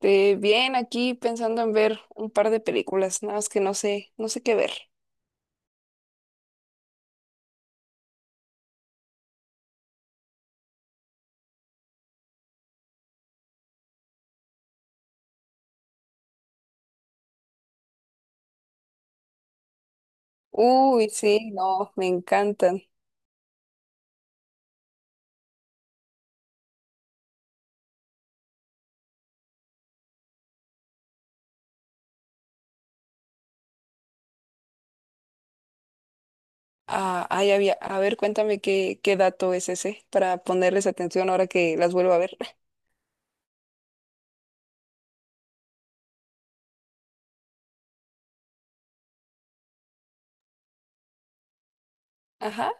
Bien, aquí pensando en ver un par de películas, nada más que no sé qué ver. Uy, sí, no, me encantan. Ah, ay, a ver, cuéntame qué dato es ese para ponerles atención ahora que las vuelvo a ver. Ajá.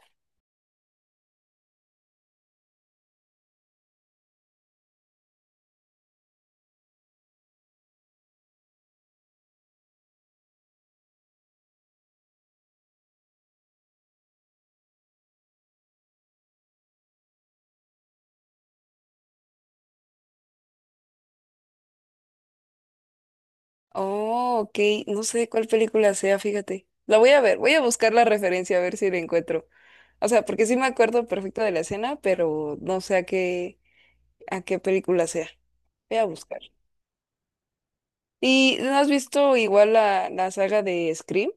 Oh, ok, no sé cuál película sea, fíjate. La voy a ver, voy a buscar la referencia a ver si la encuentro. O sea, porque sí me acuerdo perfecto de la escena, pero no sé a qué película sea. Voy a buscar. ¿Y no has visto igual la saga de Scream?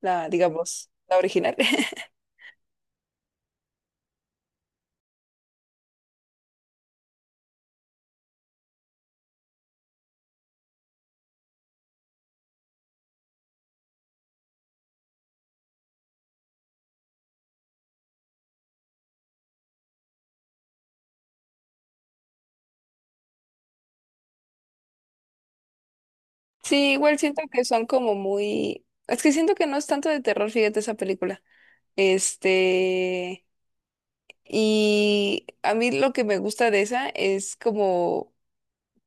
La, digamos, la original. Sí, igual siento que son como muy. Es que siento que no es tanto de terror, fíjate esa película. Este... Y a mí lo que me gusta de esa es como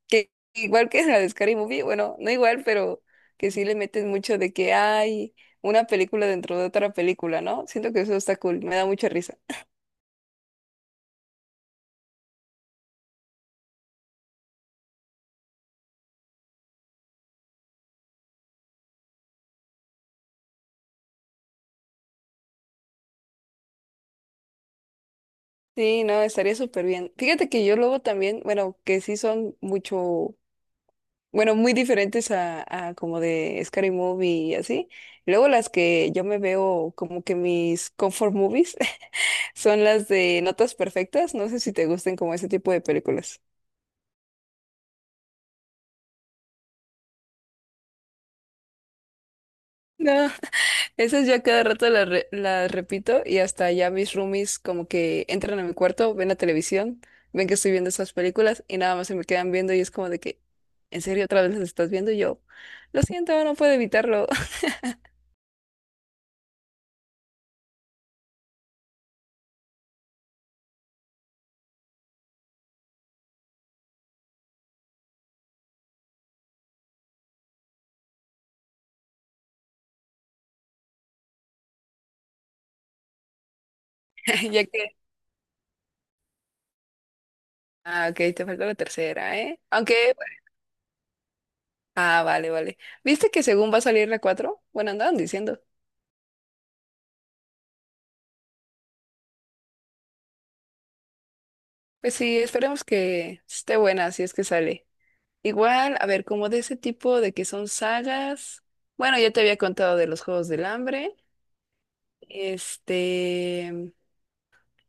que igual que la de Scary Movie, bueno, no igual, pero que sí le meten mucho de que hay una película dentro de otra película, ¿no? Siento que eso está cool, me da mucha risa. Sí, no, estaría súper bien. Fíjate que yo luego también, bueno, que sí son mucho, bueno, muy diferentes a como de Scary Movie y así. Luego las que yo me veo como que mis comfort movies son las de Notas Perfectas. No sé si te gusten como ese tipo de películas. No, esas ya cada rato las repito y hasta ya mis roomies como que entran a mi cuarto, ven la televisión, ven que estoy viendo esas películas y nada más se me quedan viendo y es como de que, ¿en serio otra vez las estás viendo? Y yo, lo siento, no puedo evitarlo. Ya que. Ah, ok, te falta la tercera, ¿eh? Aunque. Ah, vale, vale. ¿Viste que según va a salir la cuatro? Bueno, andaban diciendo. Pues sí, esperemos que esté buena si es que sale. Igual, a ver, como de ese tipo de que son sagas. Bueno, ya te había contado de los Juegos del Hambre. Este,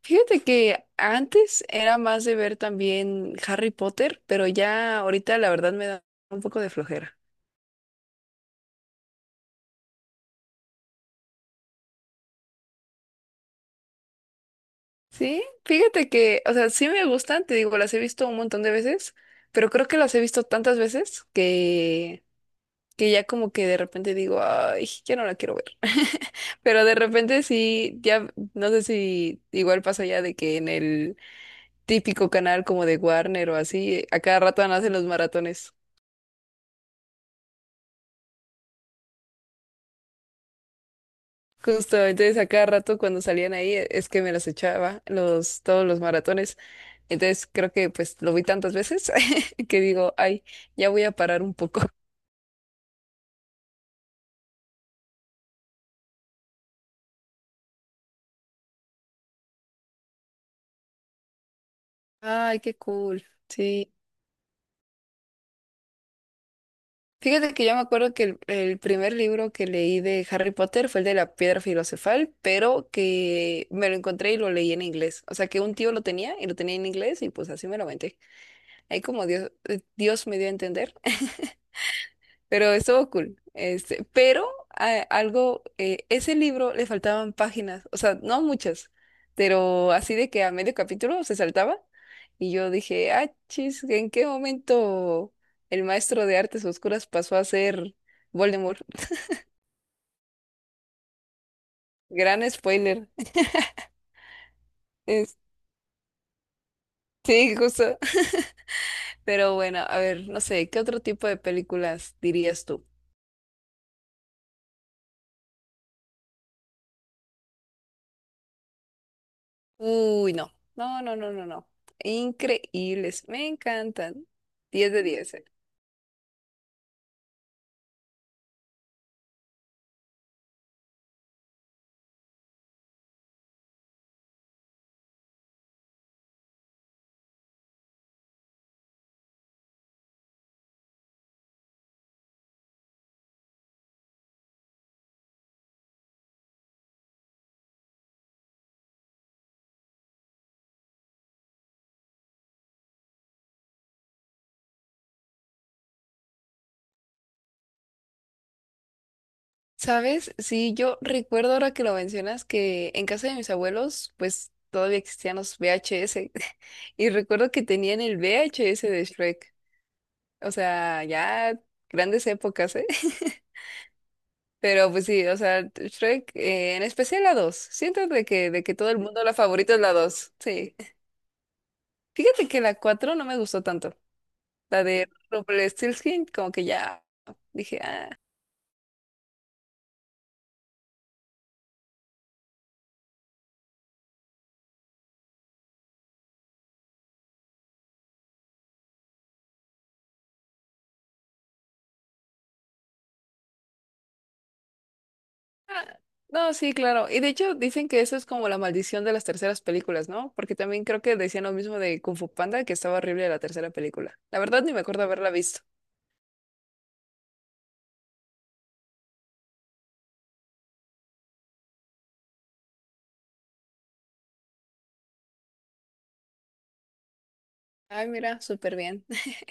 Fíjate que antes era más de ver también Harry Potter, pero ya ahorita la verdad me da un poco de flojera. Sí, fíjate que, o sea, sí me gustan, te digo, las he visto un montón de veces, pero creo que las he visto tantas veces que ya como que de repente digo, ay, ya no la quiero ver. Pero de repente sí, ya, no sé si igual pasa ya de que en el típico canal como de Warner o así, a cada rato hacen los maratones. Justo, entonces a cada rato cuando salían ahí es que me los echaba, todos los maratones. Entonces creo que pues lo vi tantas veces que digo, ay, ya voy a parar un poco. Ay, qué cool. Sí. Fíjate que yo me acuerdo que el primer libro que leí de Harry Potter fue el de la Piedra Filosofal, pero que me lo encontré y lo leí en inglés. O sea que un tío lo tenía y lo tenía en inglés y pues así me lo aventé. Ahí como Dios me dio a entender. Pero estuvo cool. Pero algo, ese libro le faltaban páginas, o sea, no muchas, pero así de que a medio capítulo se saltaba y yo dije, ah, chis, ¿en qué momento el maestro de artes oscuras pasó a ser Voldemort? Gran spoiler. Es- sí, justo. Pero bueno, a ver, no sé, ¿qué otro tipo de películas dirías tú? Uy, no, no, no, no, no, no. Increíbles, me encantan. 10 de 10, eh. ¿Sabes? Sí, yo recuerdo ahora que lo mencionas que en casa de mis abuelos, pues todavía existían los VHS. Y recuerdo que tenían el VHS de Shrek. O sea, ya grandes épocas, ¿eh? Pero pues sí, o sea, Shrek, en especial la dos. Siento de que todo el mundo la favorita es la dos. Sí. Fíjate que la 4 no me gustó tanto. La de Rumpelstiltskin, como que ya dije. No, sí, claro. Y de hecho dicen que eso es como la maldición de las terceras películas, ¿no? Porque también creo que decían lo mismo de Kung Fu Panda, que estaba horrible la tercera película. La verdad ni me acuerdo haberla visto. Ay, mira, súper bien.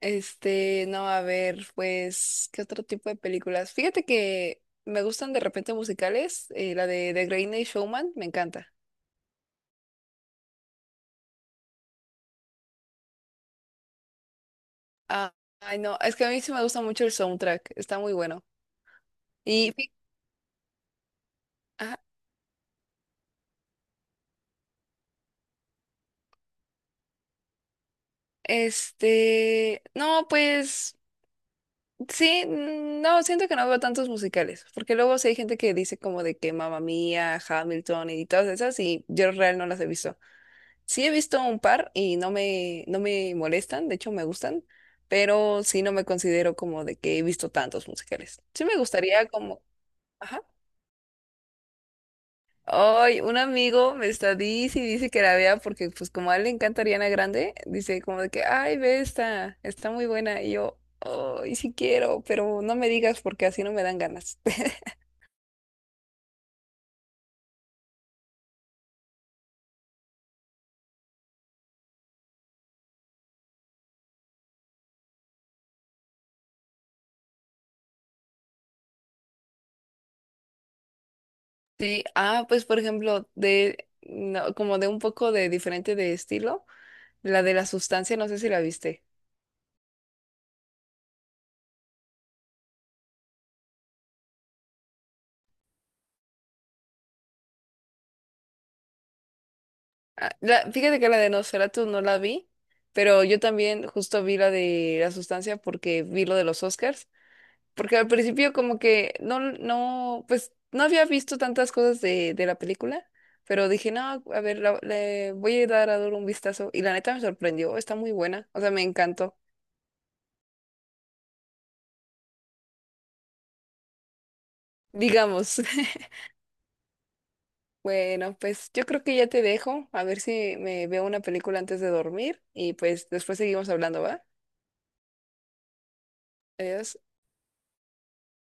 No, a ver, pues, ¿qué otro tipo de películas? Fíjate que me gustan de repente musicales. La de The Greatest Showman, me encanta. Ah, ay, no, es que a mí sí me gusta mucho el soundtrack, está muy bueno. Y, fí- ajá, no, pues. Sí, no, siento que no veo tantos musicales, porque luego sí hay gente que dice como de que Mamma Mía, Hamilton y todas esas, y yo real no las he visto. Sí he visto un par y no me molestan, de hecho me gustan, pero sí no me considero como de que he visto tantos musicales. Sí me gustaría como, ajá. Hoy un amigo me está dice y dice que la vea porque pues como a él le encanta Ariana Grande, dice como de que, ay, ve esta, está muy buena. Y yo, ay, sí quiero, pero no me digas porque así no me dan ganas. Sí, ah, pues por ejemplo, de no, como de un poco de diferente de estilo, la de la sustancia, no sé si la viste. Ah, fíjate que la de Nosferatu no la vi, pero yo también justo vi la de la sustancia porque vi lo de los Oscars. Porque al principio como que no, no, pues no había visto tantas cosas de la película, pero dije, no, a ver, le voy a dar un vistazo. Y la neta me sorprendió, está muy buena, o sea, me encantó, digamos. Bueno, pues yo creo que ya te dejo, a ver si me veo una película antes de dormir y pues después seguimos hablando, ¿va? Adiós.